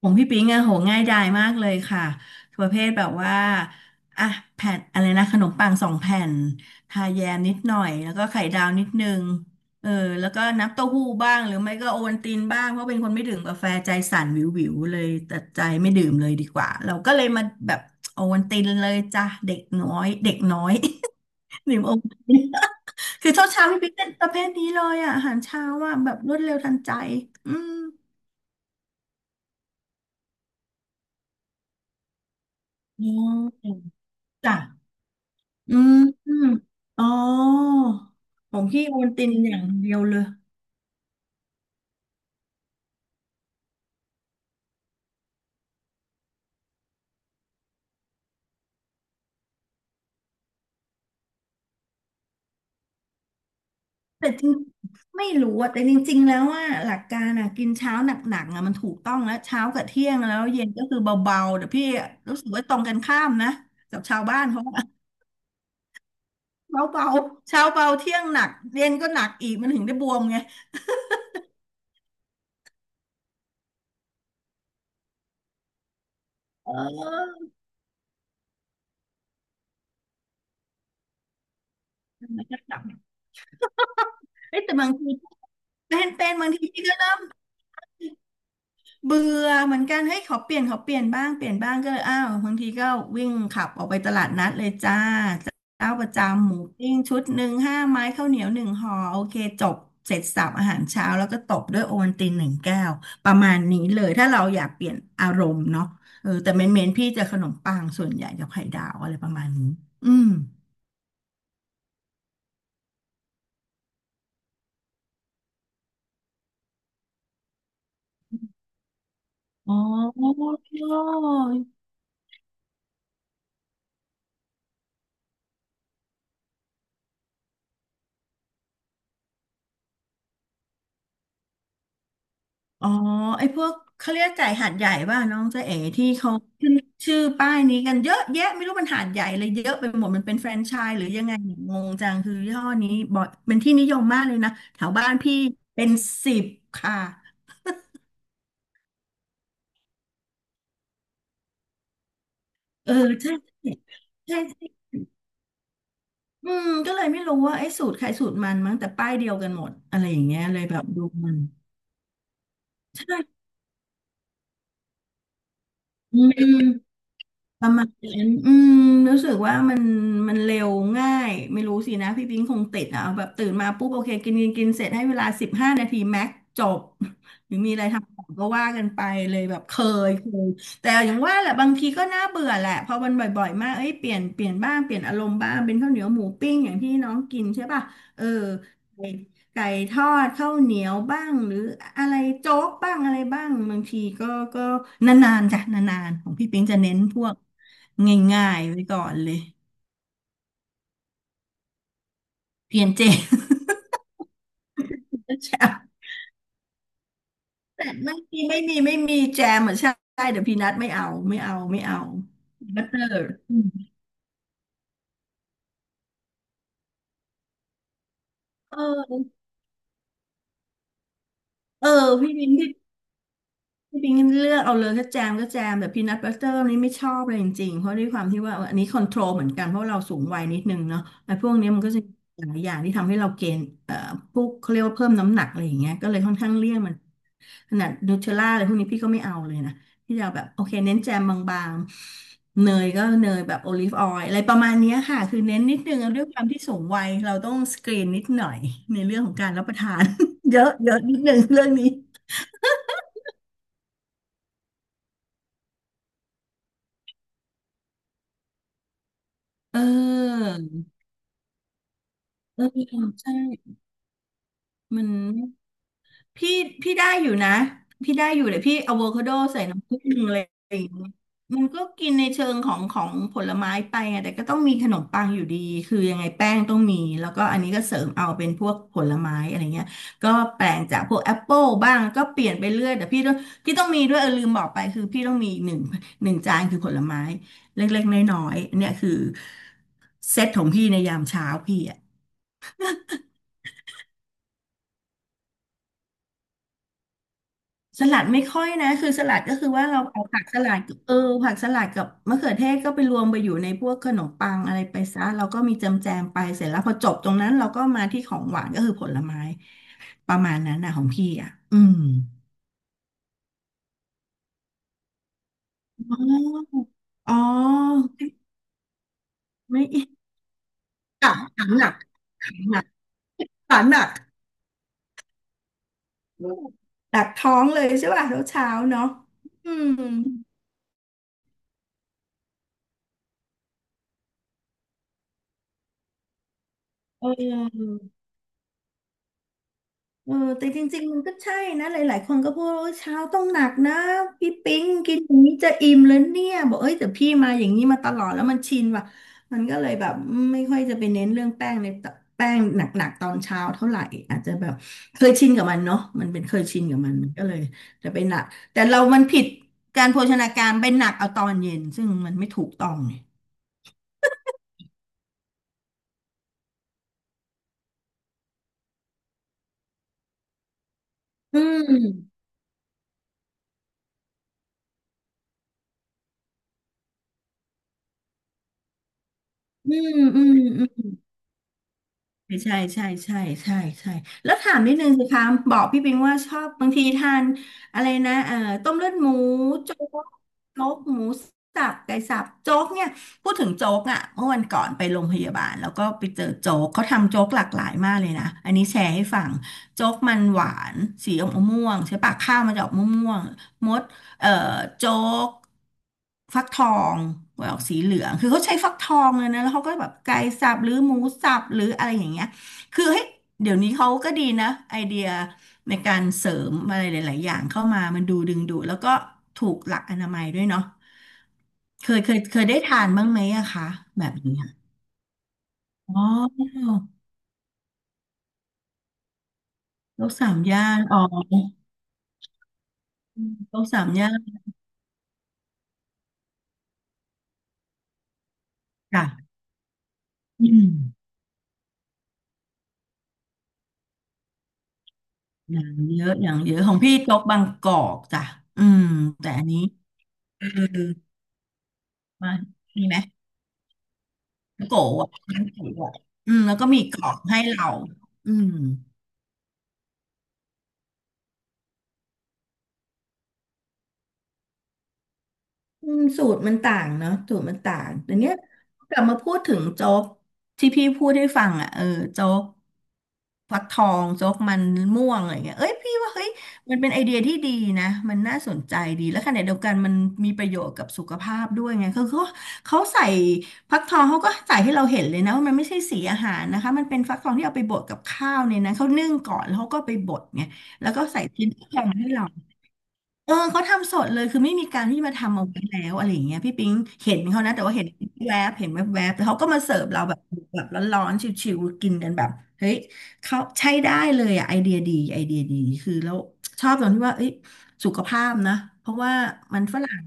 ของพี่ปิงอะโหง่ายดายมากเลยค่ะประเภทแบบว่าอ่ะแผ่นอะไรนะขนมปังสองแผ่นทาแยมนิดหน่อยแล้วก็ไข่ดาวนิดนึงเออแล้วก็น้ำเต้าหู้บ้างหรือไม่ก็โอวัลตินบ้างเพราะเป็นคนไม่ดื่มกาแฟใจสั่นวิววิวเลยตัดใจไม่ดื่มเลยดีกว่าเราก็เลยมาแบบโอวัลตินเลยจ้ะเด็กน้อยเด็กน้อย ดื่มโอวัลติน คือเช้าเช้าพี่ปิ๊กเป็นประเภทนี้เลยอะอาหารเช้าอะแบบรวดเร็วทันใจอืมอ๋อ จ้ะอืมอืมอ๋อของพี่โอนตินอย่างเดียวเลยแต่จริงไม่รู้อะแต่จริงๆแล้วว่าหลักการอะกินเช้าหนักๆอะมันถูกต้องแล้วเช้ากับเที่ยงแล้วเย็นก็คือเบาๆแต่พี่รู้สึกว่าตรงกันข้ามนะกับชาวบ้านเขาเช้าเบาเช้าเบาเที่ยงหนักเย็นก็หนักอีกมันถึงได้บวมไงเออมันก็กลับเฮ้ยแต่บางทีเป็นๆบางทีพี่ก็ เบื่อเหมือนกันเฮ้ยขอเปลี่ยนบ้างเปลี่ยนบ้างก็เลยอ้าวบางทีก็วิ่งขับออกไปตลาดนัดเลยจ้าเจ้าประจำหมูปิ้งชุดหนึ่งห้าไม้ข้าวเหนียวหนึ่งห่อโอเคจบเสร็จสับอาหารเช้าแล้วก็ตบด้วยโอวัลตินหนึ่งแก้วประมาณนี้เลยถ้าเราอยากเปลี่ยนอารมณ์เนาะเออแต่เมนพี่จะขนมปังส่วนใหญ่กับไข่ดาวอะไรประมาณนี้อืมโอ้ อ๋อไอ้พวกเขาเรียกไก่หาดใหญ่ป่ะน้องเจ๊เอ๋ที่เขาขึ้นชื่อป้ายนี้กันเยอะแยะไม่รู้มันหาดใหญ่เลยเยอะไปหมดมันเป็นแฟรนไชส์หรือยังไงเนี่ยงงจังคือยี่ห้อนี้บ่อยเป็นที่นิยมมากเลยนะแถวบ้านพี่เป็นสิบค่ะเออใช่ใช่ใช่อืมก็เลยไม่รู้ว่าไอ้สูตรใครสูตรมันมั้งแต่ป้ายเดียวกันหมดอะไรอย่างเงี้ยเลยแบบดูมันอืม ประมาณนั้นอืมรู้สึกว่ามันมันเร็วง่ายไม่รู้สินะพี่ปิ๊งคงติดอ่ะเอาแบบตื่นมาปุ๊บโอเคกินกินกินเสร็จให้เวลาสิบห้านาทีแม็กจบ หรือมีอะไรทำต่อก็ว่ากันไปเลยแบบเคยแต่อย่างว่าแหละบางทีก็น่าเบื่อแหละพอมันบ่อยๆมากเอ้ยเปลี่ยนบ้างเปลี่ยนอารมณ์บ้างเป็นข้าวเหนียวหมูปิ้งอย่างที่น้องกินใช่ป่ะเออไก่ไก่ทอดข้าวเหนียวบ้างหรืออะไรโจ๊กบ้างอะไรบ้างบางทีก็ก็นานๆจ้ะนานๆของพี่ปิ๊งจะเน้นพวก ง่ายๆไว้ก่อนเลยเพียนเจมแจมแต่ไม่มีไม่มีไม่มีแจมเหมือนใช่เดี๋ยวพี่นัทไม่เอาไม่เอาไม่เอาบัตเตอร์เออเออพี่มิ้นพี่ พี่ปิงเลือกเอาเลยก็แจมก็แจมแบบพีนัทบัตเตอร์นี่ไม่ชอบเลยจริงๆเพราะด้วยความที่ว่าอันนี้คอนโทรลเหมือนกันเพราะเราสูงวัยนิดนึงเนาะไอ้พวกเนี้ยมันก็จะมีหลายอย่างที่ทำให้เราเกณฑ์พวกเขาเรียกว่าเพิ่มน้ำหนักอะไรอย่างเงี้ยก็เลยค่อนข้างเลี่ยงมันขนาดนูเทลล่าอะไรพวกนี้พี่ก็ไม่เอาเลยนะพี่จะเอาแบบโอเคเน้นแจมบางๆเนยก็เนยแบบโอลิฟออยล์อะไรประมาณเนี้ยค่ะคือเน้นนิดนึงแล้วด้วยความที่สูงวัยเราต้องสกรีนนิดหน่อยในเรื่องของการรับประทาน เยอะเยอะนิดนึงเรื่องนี้เออ เออใช่มันพี่พี่ได้อยู่นะพี่ได้อยู่เลยพี่อะโวคาโดใส่น้ำผึ้งอะไรอย่างเงี้ยมันก็กินในเชิงของของผลไม้ไปไงแต่ก็ต้องมีขนมปังอยู่ดีคือยังไงแป้งต้องมีแล้วก็อันนี้ก็เสริมเอาเป็นพวกผลไม้อะไรเงี้ยก็แปลงจากพวกแอปเปิลบ้างก็เปลี่ยนไปเรื่อยแต่พี่ต้องมีด้วยเออลืมบอกไปคือพี่ต้องมีหนึ่งจานคือผลไม้เล็กๆน้อยๆเนี่ยคือเซตของพี่ในยามเช้าพี่ สลัดไม่ค่อยนะคือสลัดก็คือว่าเราเอาผักสลัดกับเออผักสลัดกับมะเขือเทศก็ไปรวมไปอยู่ในพวกขนมปังอะไรไปซะเราก็มีแจมแจมไปเสร็จแล้วพอจบตรงนั้นเราก็มาที่ของหวานก็คือผลไม้ประมาณนั้นนะของพี่อ่ะอืมอ๋ออ๋อไม่ขังขังหนักขังหนักขังหนักหนักท้องเลยใช่ป่ะเช้าเช้าเนาะอืมเออ เออแต่จริงๆมันก็ใช่นะหลายๆคนก็พูดว่าเช้าต้องหนักนะพี่ปิ๊งกินอย่างนี้จะอิ่มเลยเนี่ยบอกเอ้ยแต่พี่มาอย่างนี้มาตลอดแล้วมันชินว่ะมันก็เลยแบบไม่ค่อยจะไปเน้นเรื่องแป้งในแป้งหนักๆตอนเช้าเท่าไหร่อาจจะแบบเคยชินกับมันเนาะมันเป็นเคยชินกับมันก็เลยจะไปหนักแต่เรามันผิดการโภชนาการไปหนักเอาตอนเย็นซึ่งมันไม่ถูกต้องเนี่ยอืมอืมอืมอืม ใช่ใช่ใช่ใช่ใช่ใช่แล้วถามนิดนึงสิคะบอกพี่ปิงว่าชอบบางทีทานอะไรนะต้มเลือดหมูโจ๊กโจ๊กหมูสับไก่สับโจ๊กเนี่ยพูดถึงโจ๊กอ่ะเมื่อวันก่อนไปโรงพยาบาลแล้วก็ไปเจอโจ๊กเขาทำโจ๊กหลากหลายมากเลยนะอันนี้แชร์ให้ฟังโจ๊กมันหวานสีอมม่วงใช่ปะข้าวมันจะออกม่วงๆมด เอ่อโจ๊กฟักทองไว้ออกสีเหลืองคือเขาใช้ฟักทองเลยนะแล้วเขาก็แบบไก่สับหรือหมูสับหรืออะไรอย่างเงี้ยคือเฮ้ยเดี๋ยวนี้เขาก็ดีนะไอเดียในการเสริมอะไรหลายๆอย่างเข้ามามันดูดึงดูดแล้วก็ถูกหลักอนามัยด้วยเนาะเคยได้ทานบ้างไหมอะคะแบบนี้อะอ๋อโรคสามย่านอ๋อโรคสามย่านค่ะอืมอย่างเยอะอย่างเยอะของพี่โต๊ะบางกอกจ้ะอืมแต่อันนี้ เออมามีไหมน้องโกะอะน้องโกะอะอืมแล้วก็มีกรอบให้เราอืม อืมสูตรมันต่างเนาะสูตรมันต่างแต่เนี้ยกลับมาพูดถึงโจ๊กที่พี่พูดให้ฟังอ่ะเออโจ๊กฟักทองโจ๊กมันม่วงอะไรเงี้ยเอ้ยพี่ว่าเฮ้ยมันเป็นไอเดียที่ดีนะมันน่าสนใจดีแล้วขณะเดียวกันมันมีประโยชน์กับสุขภาพด้วยไงคือเขาใส่ฟักทองเขาก็ใส่ให้เราเห็นเลยนะว่ามันไม่ใช่สีอาหารนะคะมันเป็นฟักทองที่เอาไปบดกับข้าวเนี่ยนะเขานึ่งก่อนแล้วเขาก็ไปบดไงแล้วก็ใส่ชิ้นฟักทองมาให้เรา เออเขาทำสดเลยคือไม่มีการที่มาทำเอาไว้แล้วอะไรอย่างเงี้ยพี่ปิ๊งเห็นเขานะแต่ว่าเห็นแวบเห็นแวบแต่เขาก็มาเสิร์ฟเราแบบแบบร้อนๆชิวๆกินกันแบบเฮ้ยเขาใช้ได้เลยอ่ะไอเดียดีไอเดียดีคือแล้วชอบตรงที่ว่าเอ้ยสุขภาพนะเพราะว่ามันฝรั่ง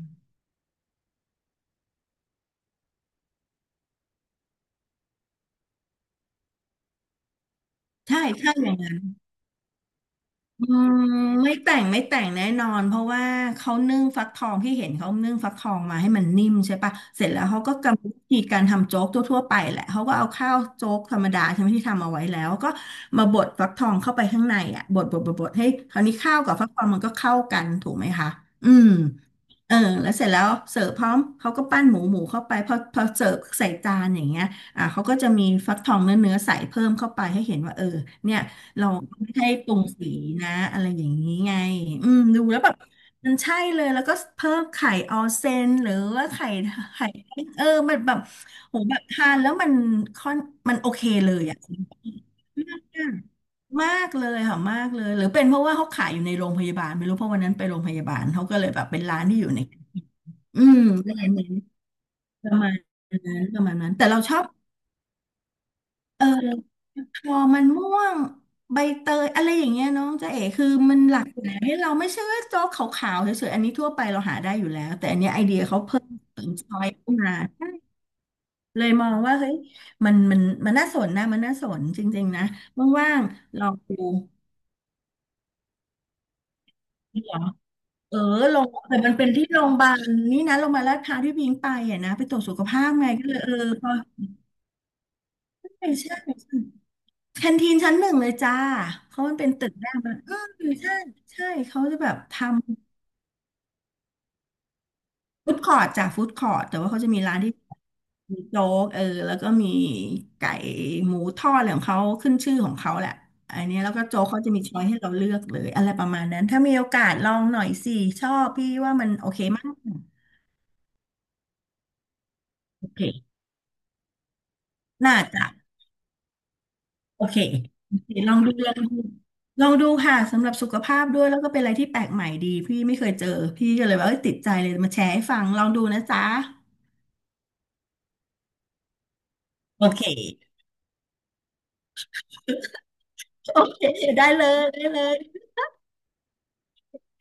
ใช่ใช่อย่างนั้น อืมไม่แต่งไม่แต่งแน่นอนเพราะว่าเขานึ่งฟักทองที่เห็นเขานึ่งฟักทองมาให้มันนิ่มใช่ปะเสร็จแล้วเขาก็กำหนดวิธีการทำโจ๊กทั่วๆไปแหละเขาก็เอาข้าวโจ๊กธรรมดาใช่ไหมที่ทำเอาไว้แล้วก็มาบดฟักทองเข้าไปข้างในอ่ะบดบดบดบดให้คราวนี้ข้าวกับฟักทองมันก็เข้ากันถูกไหมคะอืม เออแล้วเสร็จแล้วเสิร์ฟพร้อมเขาก็ปั้นหมูเข้าไปพอเสิร์ฟใส่จานอย่างเงี้ยอ่าเขาก็จะมีฟักทองเนื้อใส่เพิ่มเข้าไปให้เห็นว่าเออเนี่ยเราไม่ให้ปรุงสีนะอะไรอย่างนี้ไงอืมดูแล้วแบบมันใช่เลยแล้วก็เพิ่มไข่ออนเซนหรือว่าไข่ไข่เออมันแบบโหแบบทานแล้วมันค่อนมันโอเคเลยอ่ะ มากเลยค่ะมากเลยหรือเป็นเพราะว่าเขาขายอยู่ในโรงพยาบาลไม่รู้เพราะวันนั้นไปโรงพยาบาลเขาก็เลยแบบเป็นร้านที่อยู่ในอืมก็เลยเน้นประมาณนั้นประมาณนั้นแต่เราชอบเออพอมันม่วงใบเตยอะไรอย่างเงี้ยน้องจ๊ะเอ๋คือมันหลากหลายให้เราไม่ใช่ว่าโจ๊กขาวๆเฉยๆอันนี้ทั่วไปเราหาได้อยู่แล้วแต่อันเนี้ยไอเดียเขาเพิ่มเติมซอยเ้นมาใช่เลยมองว่าเฮ้ยมันน่าสนนะมันน่าสนจริงๆนะว่างๆลองดู เออลงแต่มันเป็นที่โรงพยาบาลนี่นะโรงพยาบาลลาดพร้าวที่พิงไปอ่ะนะไปตรวจสุขภาพไงก็เลยเออพอใช่ใช่ใช่แคนทีนชั้นหนึ่งเลยจ้าเพราะมันเป็นตึกแรกมันเออใช่ใช่เขาจะแบบทำฟู้ดคอร์ทจ้ะฟู้ดคอร์ทแต่ว่าเขาจะมีร้านที่มีโจ๊กเออแล้วก็มีไก่หมูทอดอะไรของเขาขึ้นชื่อของเขาแหละอันเนี้ยแล้วก็โจ๊กเขาจะมีช้อยให้เราเลือกเลยอะไรประมาณนั้นถ้ามีโอกาสลองหน่อยสิชอบพี่ว่ามันโอเคมากโอเคน่าจะ โอเคโอเคลองดูลองดู ลองดูค่ะสำหรับสุขภาพด้วยแล้วก็เป็นอะไรที่แปลกใหม่ดีพี่ไม่เคยเจอพี่ก็เลยว่าเอ้ยติดใจเลยมาแชร์ให้ฟังลองดูนะจ๊ะโอเคโอเคได้เลยได้เลย